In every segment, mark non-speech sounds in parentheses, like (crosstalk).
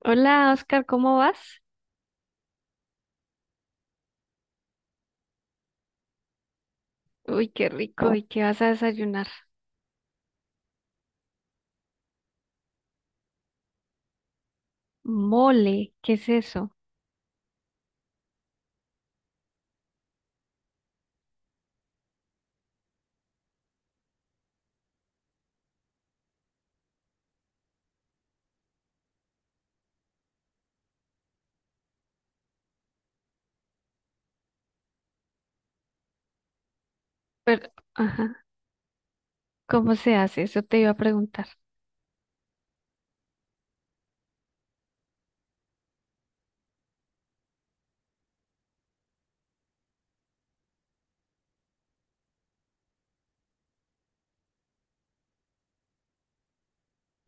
Hola, Oscar, ¿cómo vas? Uy, qué rico. ¿Y qué vas a desayunar? Mole, ¿qué es eso? Pero, ajá, ¿cómo se hace? Eso te iba a preguntar.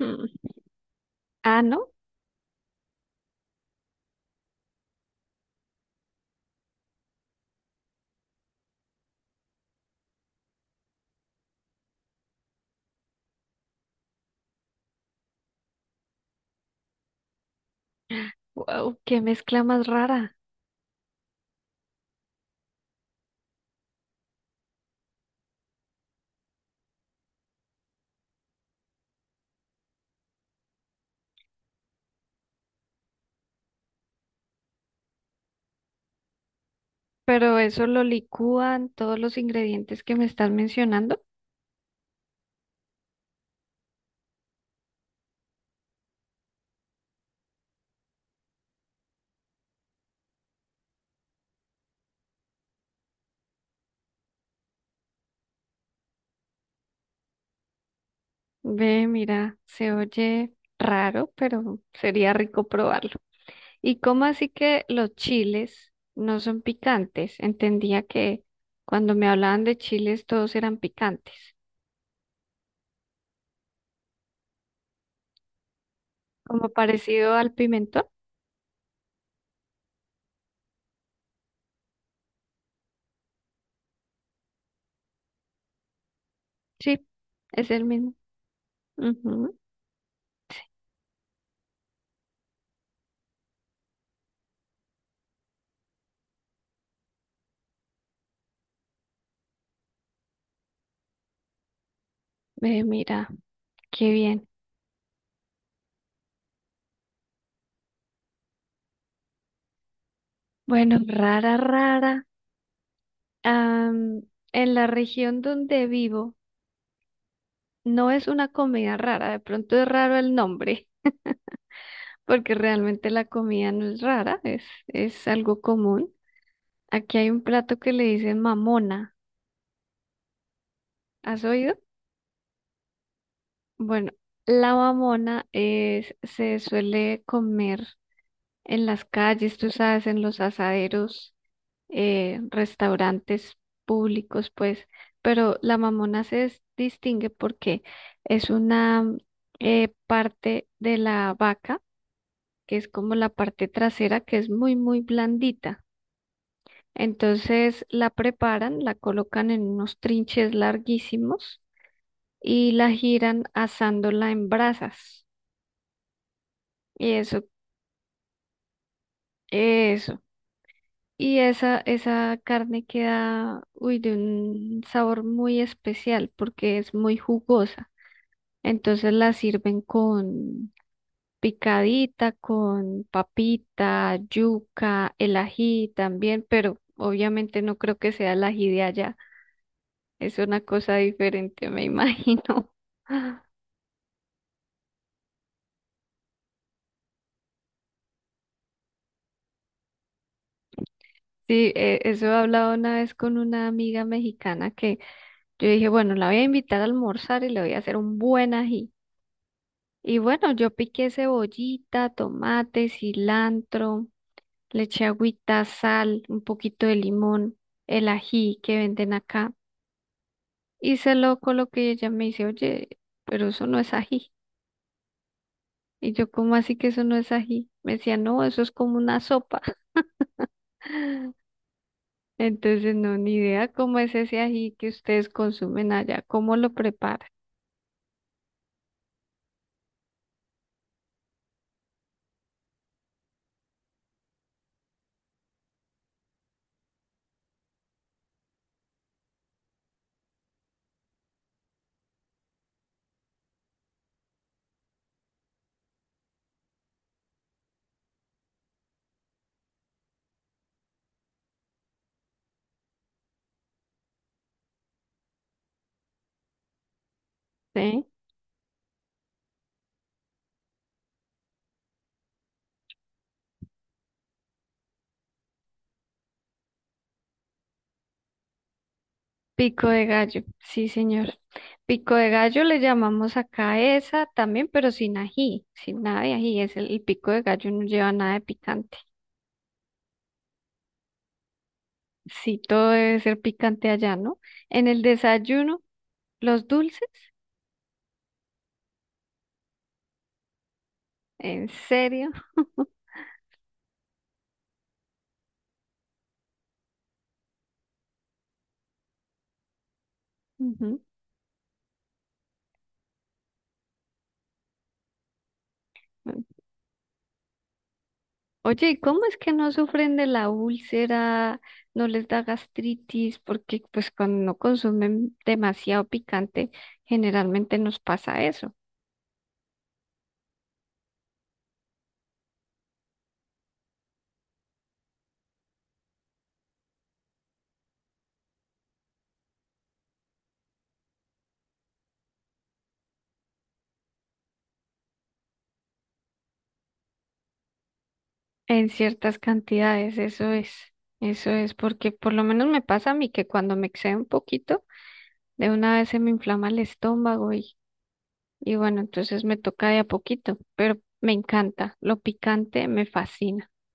Mm. Ah, ¿no? Wow, qué mezcla más rara. Pero eso lo licúan todos los ingredientes que me estás mencionando. Ve, mira, se oye raro, pero sería rico probarlo. ¿Y cómo así que los chiles no son picantes? Entendía que cuando me hablaban de chiles todos eran picantes. Como parecido al pimentón. Sí, es el mismo. Ujú. Ve, mira, qué bien. Bueno, rara, rara. Am, en la región donde vivo, no es una comida rara. De pronto es raro el nombre, (laughs) porque realmente la comida no es rara, es algo común. Aquí hay un plato que le dicen mamona. ¿Has oído? Bueno, la mamona es, se suele comer en las calles, tú sabes, en los asaderos restaurantes públicos, pues, pero la Mamona distingue porque es una parte de la vaca, que es como la parte trasera, que es muy, muy blandita. Entonces la preparan, la colocan en unos trinches larguísimos y la giran asándola en brasas. Y eso, eso. Y esa carne queda, uy, de un sabor muy especial porque es muy jugosa. Entonces la sirven con picadita, con papita, yuca, el ají también, pero obviamente no creo que sea el ají de allá. Es una cosa diferente, me imagino. (laughs) Sí, eso he hablado una vez con una amiga mexicana que yo dije, bueno, la voy a invitar a almorzar y le voy a hacer un buen ají. Y bueno, yo piqué cebollita, tomate, cilantro, le eché agüita, sal, un poquito de limón, el ají que venden acá. Y se lo coloqué y ella me dice, oye, pero eso no es ají. Y yo, ¿cómo así que eso no es ají? Me decía, no, eso es como una sopa. (laughs) Entonces, no, ni idea cómo es ese ají que ustedes consumen allá, cómo lo preparan, ¿sí? Pico de gallo, sí, señor. Pico de gallo le llamamos acá esa también, pero sin ají, sin nada de ají. Es el pico de gallo no lleva nada de picante. Sí, todo debe ser picante allá, ¿no? En el desayuno, los dulces, en serio. (laughs) Ujú. Oye, ¿y cómo es que no sufren de la úlcera, no les da gastritis? Porque pues cuando no consumen demasiado picante, generalmente nos pasa eso. En ciertas cantidades, eso es, porque por lo menos me pasa a mí que cuando me excedo un poquito, de una vez se me inflama el estómago. Y bueno, entonces me toca de a poquito, pero me encanta. Lo picante me fascina. (laughs)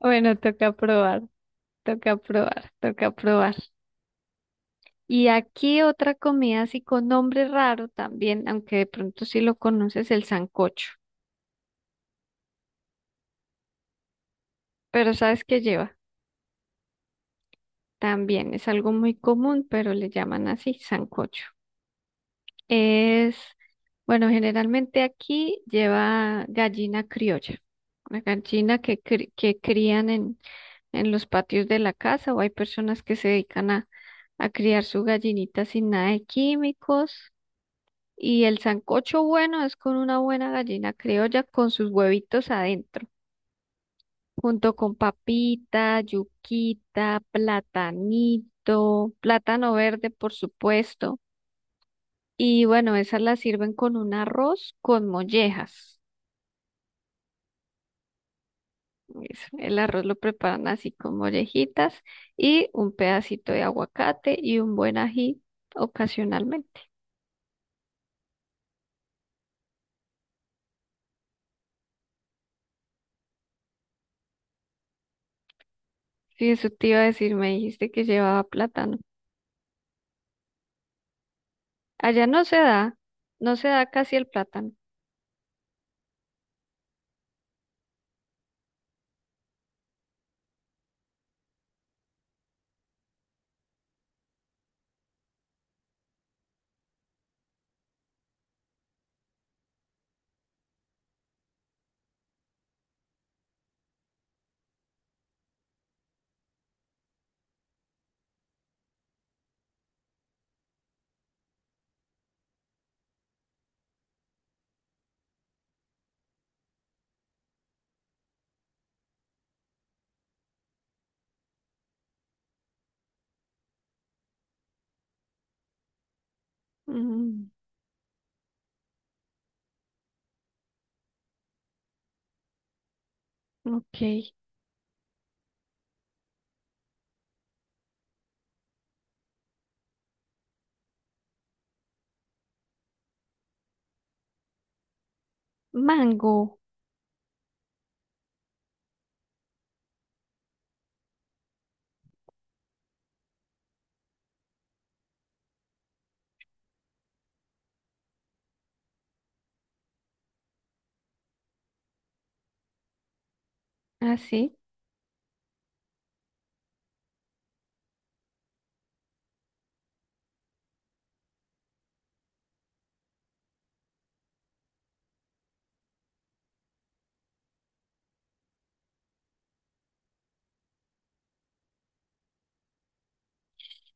Bueno, toca probar, toca probar, toca probar. Y aquí otra comida así con nombre raro también, aunque de pronto sí lo conoces, el sancocho. Pero ¿sabes qué lleva? También es algo muy común, pero le llaman así, sancocho. Es, bueno, generalmente aquí lleva gallina criolla, una gallina que crían en los patios de la casa o hay personas que se dedican a criar su gallinita sin nada de químicos. Y el sancocho bueno es con una buena gallina criolla con sus huevitos adentro, junto con papita, yuquita, platanito, plátano verde, por supuesto. Y bueno, esas las sirven con un arroz con mollejas. El arroz lo preparan así con mollejitas y un pedacito de aguacate y un buen ají ocasionalmente. Sí, eso te iba a decir, me dijiste que llevaba plátano. Allá no se da, no se da casi el plátano. Mm, ok. Mango, así.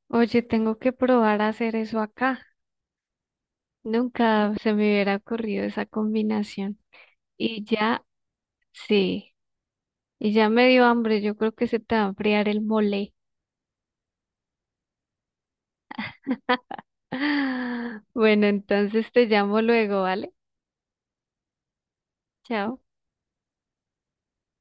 Oye, tengo que probar a hacer eso acá. Nunca se me hubiera ocurrido esa combinación. Y ya, sí. Y ya me dio hambre, yo creo que se te va a enfriar el mole. (gasps) (laughs) Bueno, entonces te llamo luego, ¿vale? Chao.